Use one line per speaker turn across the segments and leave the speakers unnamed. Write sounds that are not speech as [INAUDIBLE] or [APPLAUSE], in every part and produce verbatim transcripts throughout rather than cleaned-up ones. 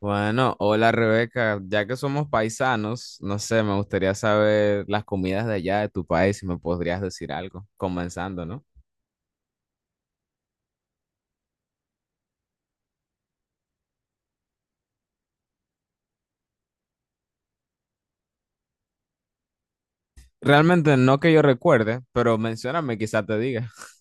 Bueno, hola Rebeca, ya que somos paisanos, no sé, me gustaría saber las comidas de allá de tu país, si me podrías decir algo, comenzando, ¿no? Realmente no que yo recuerde, pero mencióname, quizá te diga. [LAUGHS]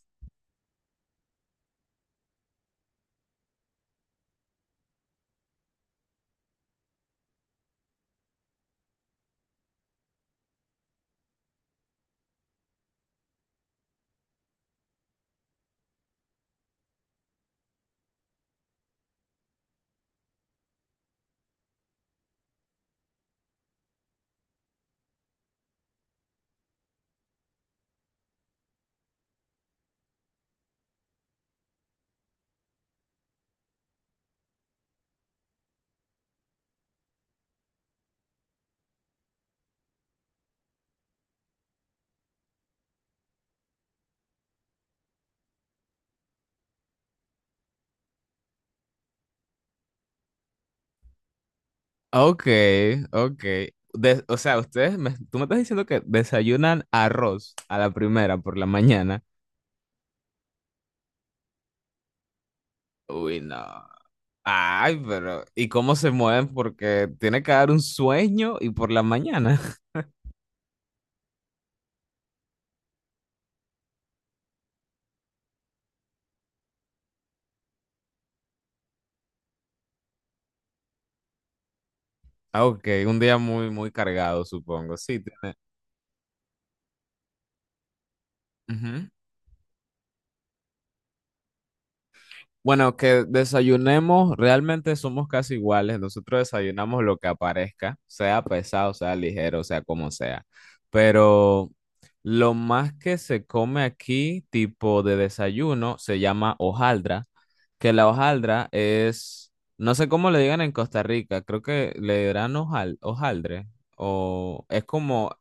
Ok, ok. De- o sea, ustedes, me, tú me estás diciendo que desayunan arroz a la primera por la mañana. Uy, no. Ay, pero ¿y cómo se mueven? Porque tiene que dar un sueño y por la mañana. [LAUGHS] Ah, ok, un día muy, muy cargado, supongo. Sí, tiene. Ujú. Bueno, que desayunemos, realmente somos casi iguales. Nosotros desayunamos lo que aparezca, sea pesado, sea ligero, sea como sea. Pero lo más que se come aquí, tipo de desayuno, se llama hojaldra, que la hojaldra es, no sé cómo le digan en Costa Rica, creo que le dirán hojal, hojaldre, o es como,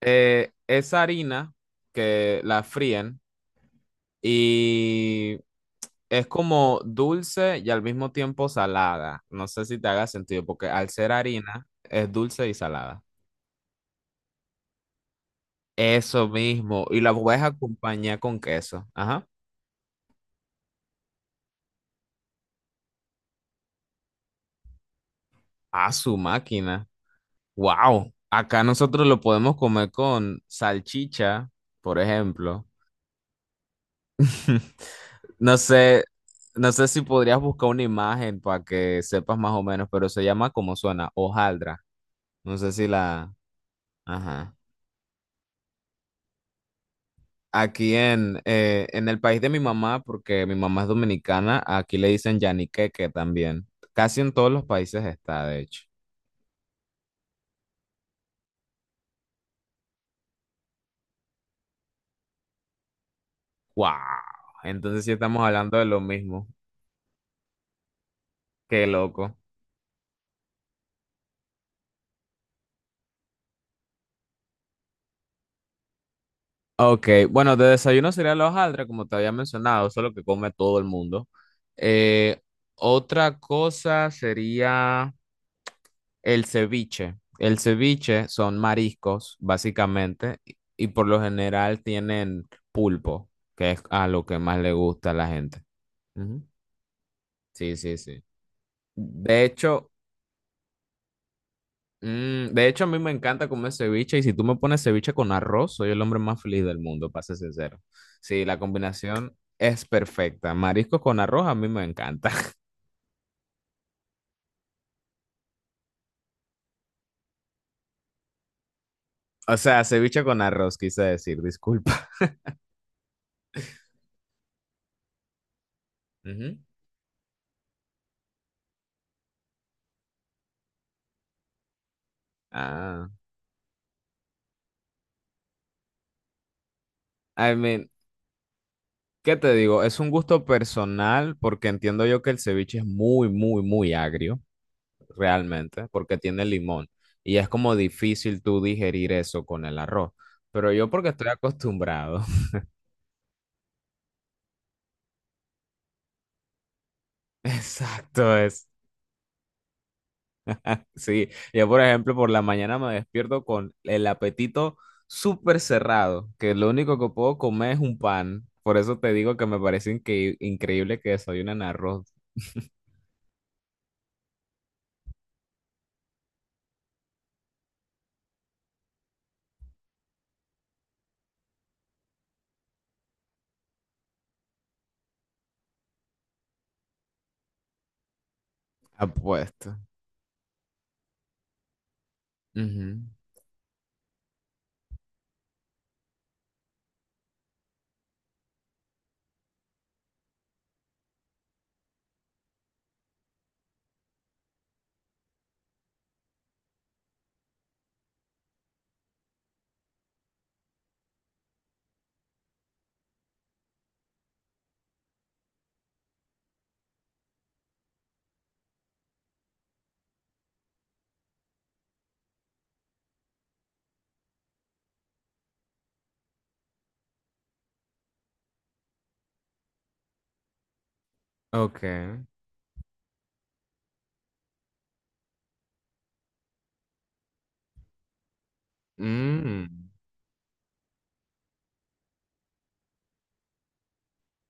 eh, esa harina que la fríen y es como dulce y al mismo tiempo salada. No sé si te haga sentido, porque al ser harina es dulce y salada. Eso mismo. Y la puedes acompañar con queso. Ajá. A su máquina. Wow. Acá nosotros lo podemos comer con salchicha, por ejemplo. [LAUGHS] No sé, no sé si podrías buscar una imagen para que sepas más o menos, pero se llama como suena, hojaldra. No sé si la... Ajá. Aquí en, eh, en el país de mi mamá, porque mi mamá es dominicana, aquí le dicen yaniqueque también. Casi en todos los países está, de hecho. ¡Wow! Entonces sí estamos hablando de lo mismo. ¡Qué loco! Ok, bueno, de desayuno sería la hojaldra, como te había mencionado, eso lo que come todo el mundo. Eh, otra cosa sería... El ceviche. El ceviche son mariscos, básicamente, y y por lo general tienen pulpo, que es a lo que más le gusta a la gente. Ujú. Sí, sí, sí. De hecho, mm, de hecho, a mí me encanta comer ceviche, y si tú me pones ceviche con arroz, soy el hombre más feliz del mundo, para ser sincero. Sí, la combinación es perfecta. Mariscos con arroz a mí me encanta. [LAUGHS] O sea, ceviche con arroz, quise decir, disculpa. Ujú. Ah, I mean, ¿qué te digo? Es un gusto personal porque entiendo yo que el ceviche es muy, muy, muy agrio, realmente, porque tiene limón y es como difícil tú digerir eso con el arroz. Pero yo porque estoy acostumbrado. [LAUGHS] Exacto, es. Sí, yo por ejemplo por la mañana me despierto con el apetito súper cerrado, que lo único que puedo comer es un pan. Por eso te digo que me parece incre- increíble que desayunen arroz. [LAUGHS] Apuesto. Ujú. Ok. Mm,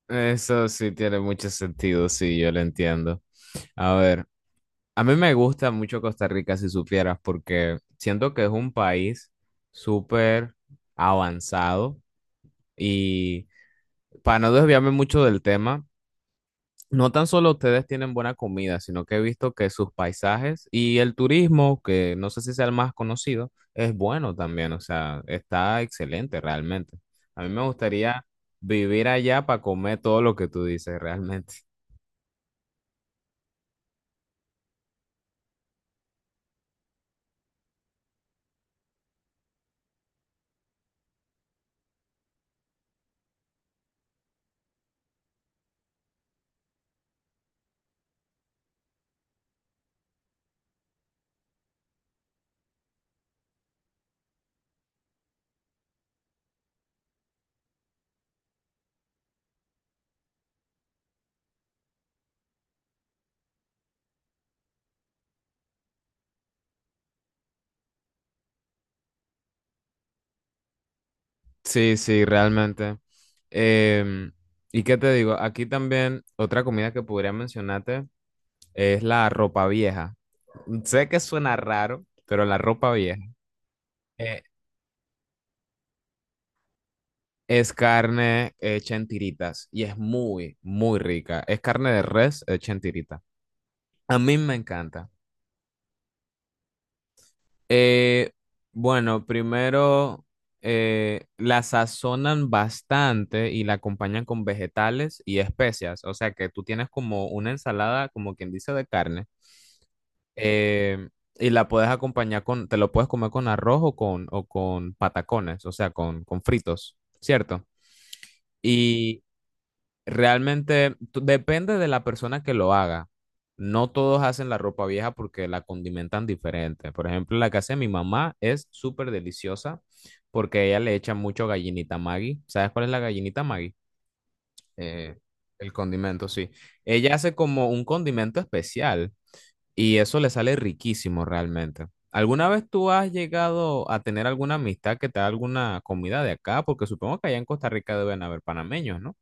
eso sí tiene mucho sentido, sí, yo lo entiendo. A ver, a mí me gusta mucho Costa Rica, si supieras, porque siento que es un país súper avanzado y para no desviarme mucho del tema, no tan solo ustedes tienen buena comida, sino que he visto que sus paisajes y el turismo, que no sé si sea el más conocido, es bueno también, o sea, está excelente realmente. A mí me gustaría vivir allá para comer todo lo que tú dices realmente. [LAUGHS] Sí, sí, realmente. Em, ¿y qué te digo? Aquí también otra comida que podría mencionarte es la ropa vieja. Sé que suena raro, pero la ropa vieja. Eh, Es carne hecha en tiritas y es muy, muy rica. Es carne de res hecha en tirita. A mí me encanta. Eh, bueno, primero eh, la sazonan bastante y la acompañan con vegetales y especias. O sea que tú tienes como una ensalada, como quien dice, de carne. eh, y la puedes acompañar con, te lo puedes comer con arroz o con, o con patacones, o sea, con, con fritos, ¿cierto? Y realmente tú- depende de la persona que lo haga. No todos hacen la ropa vieja porque la condimentan diferente. Por ejemplo, la que hace mi mamá es súper deliciosa porque ella le echa mucho gallinita Maggi. ¿Sabes cuál es la gallinita Maggi? Eh, el condimento, sí. Ella hace como un condimento especial y eso le sale riquísimo realmente. ¿Alguna vez tú has llegado a tener alguna amistad que te da alguna comida de acá? Porque supongo que allá en Costa Rica deben haber panameños, ¿no?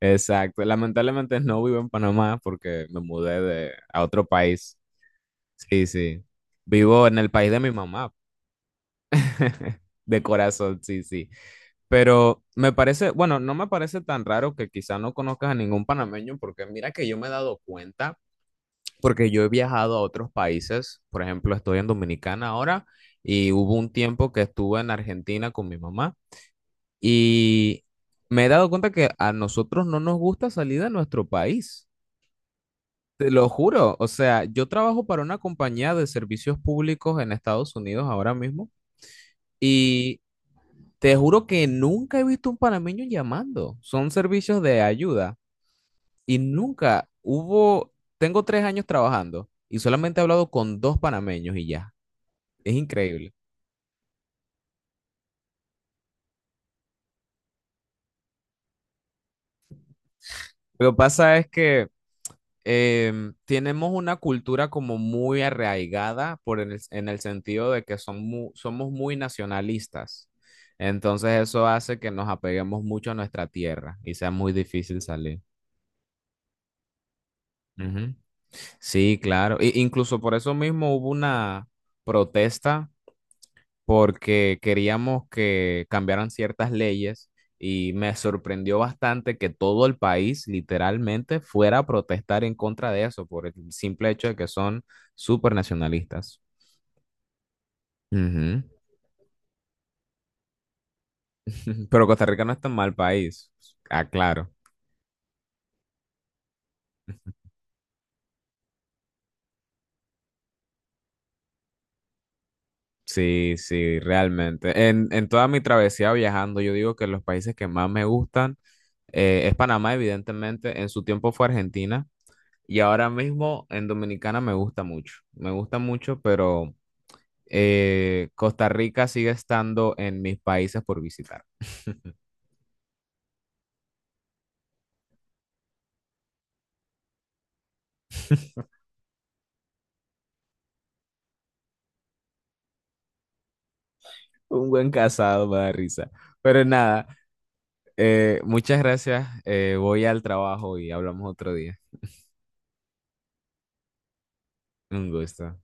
Exacto. Lamentablemente no vivo en Panamá porque me mudé de, a otro país. Sí, sí. Vivo en el país de mi mamá, [LAUGHS] de corazón, sí, sí. Pero me parece, bueno, no me parece tan raro que quizá no conozcas a ningún panameño porque mira que yo me he dado cuenta, porque yo he viajado a otros países, por ejemplo, estoy en Dominicana ahora y hubo un tiempo que estuve en Argentina con mi mamá y me he dado cuenta que a nosotros no nos gusta salir de nuestro país. Te lo juro, o sea, yo trabajo para una compañía de servicios públicos en Estados Unidos ahora mismo y te juro que nunca he visto un panameño llamando. Son servicios de ayuda y nunca hubo, tengo tres años trabajando y solamente he hablado con dos panameños y ya. Es increíble. Lo que pasa es que em, tenemos una cultura como muy arraigada por en el, en el sentido de que son mu- somos muy nacionalistas. Entonces eso hace que nos apeguemos mucho a nuestra tierra y sea muy difícil salir. Ujú. Sí, claro. E- incluso por eso mismo hubo una protesta porque queríamos que cambiaran ciertas leyes y me sorprendió bastante que todo el país literalmente fuera a protestar en contra de eso por el simple hecho de que son súper nacionalistas. Ujú. [LAUGHS] Pero Costa Rica no es tan mal país, aclaro. Sí, sí, realmente. En, en toda mi travesía viajando, yo digo que los países que más me gustan eh, es Panamá, evidentemente. En su tiempo fue Argentina. Y ahora mismo en Dominicana me gusta mucho, me gusta mucho, pero eh, Costa Rica sigue estando en mis países por visitar. Un buen casado me da risa. Pero nada, eh, muchas gracias. Eh, voy al trabajo y hablamos otro día. Un gusto.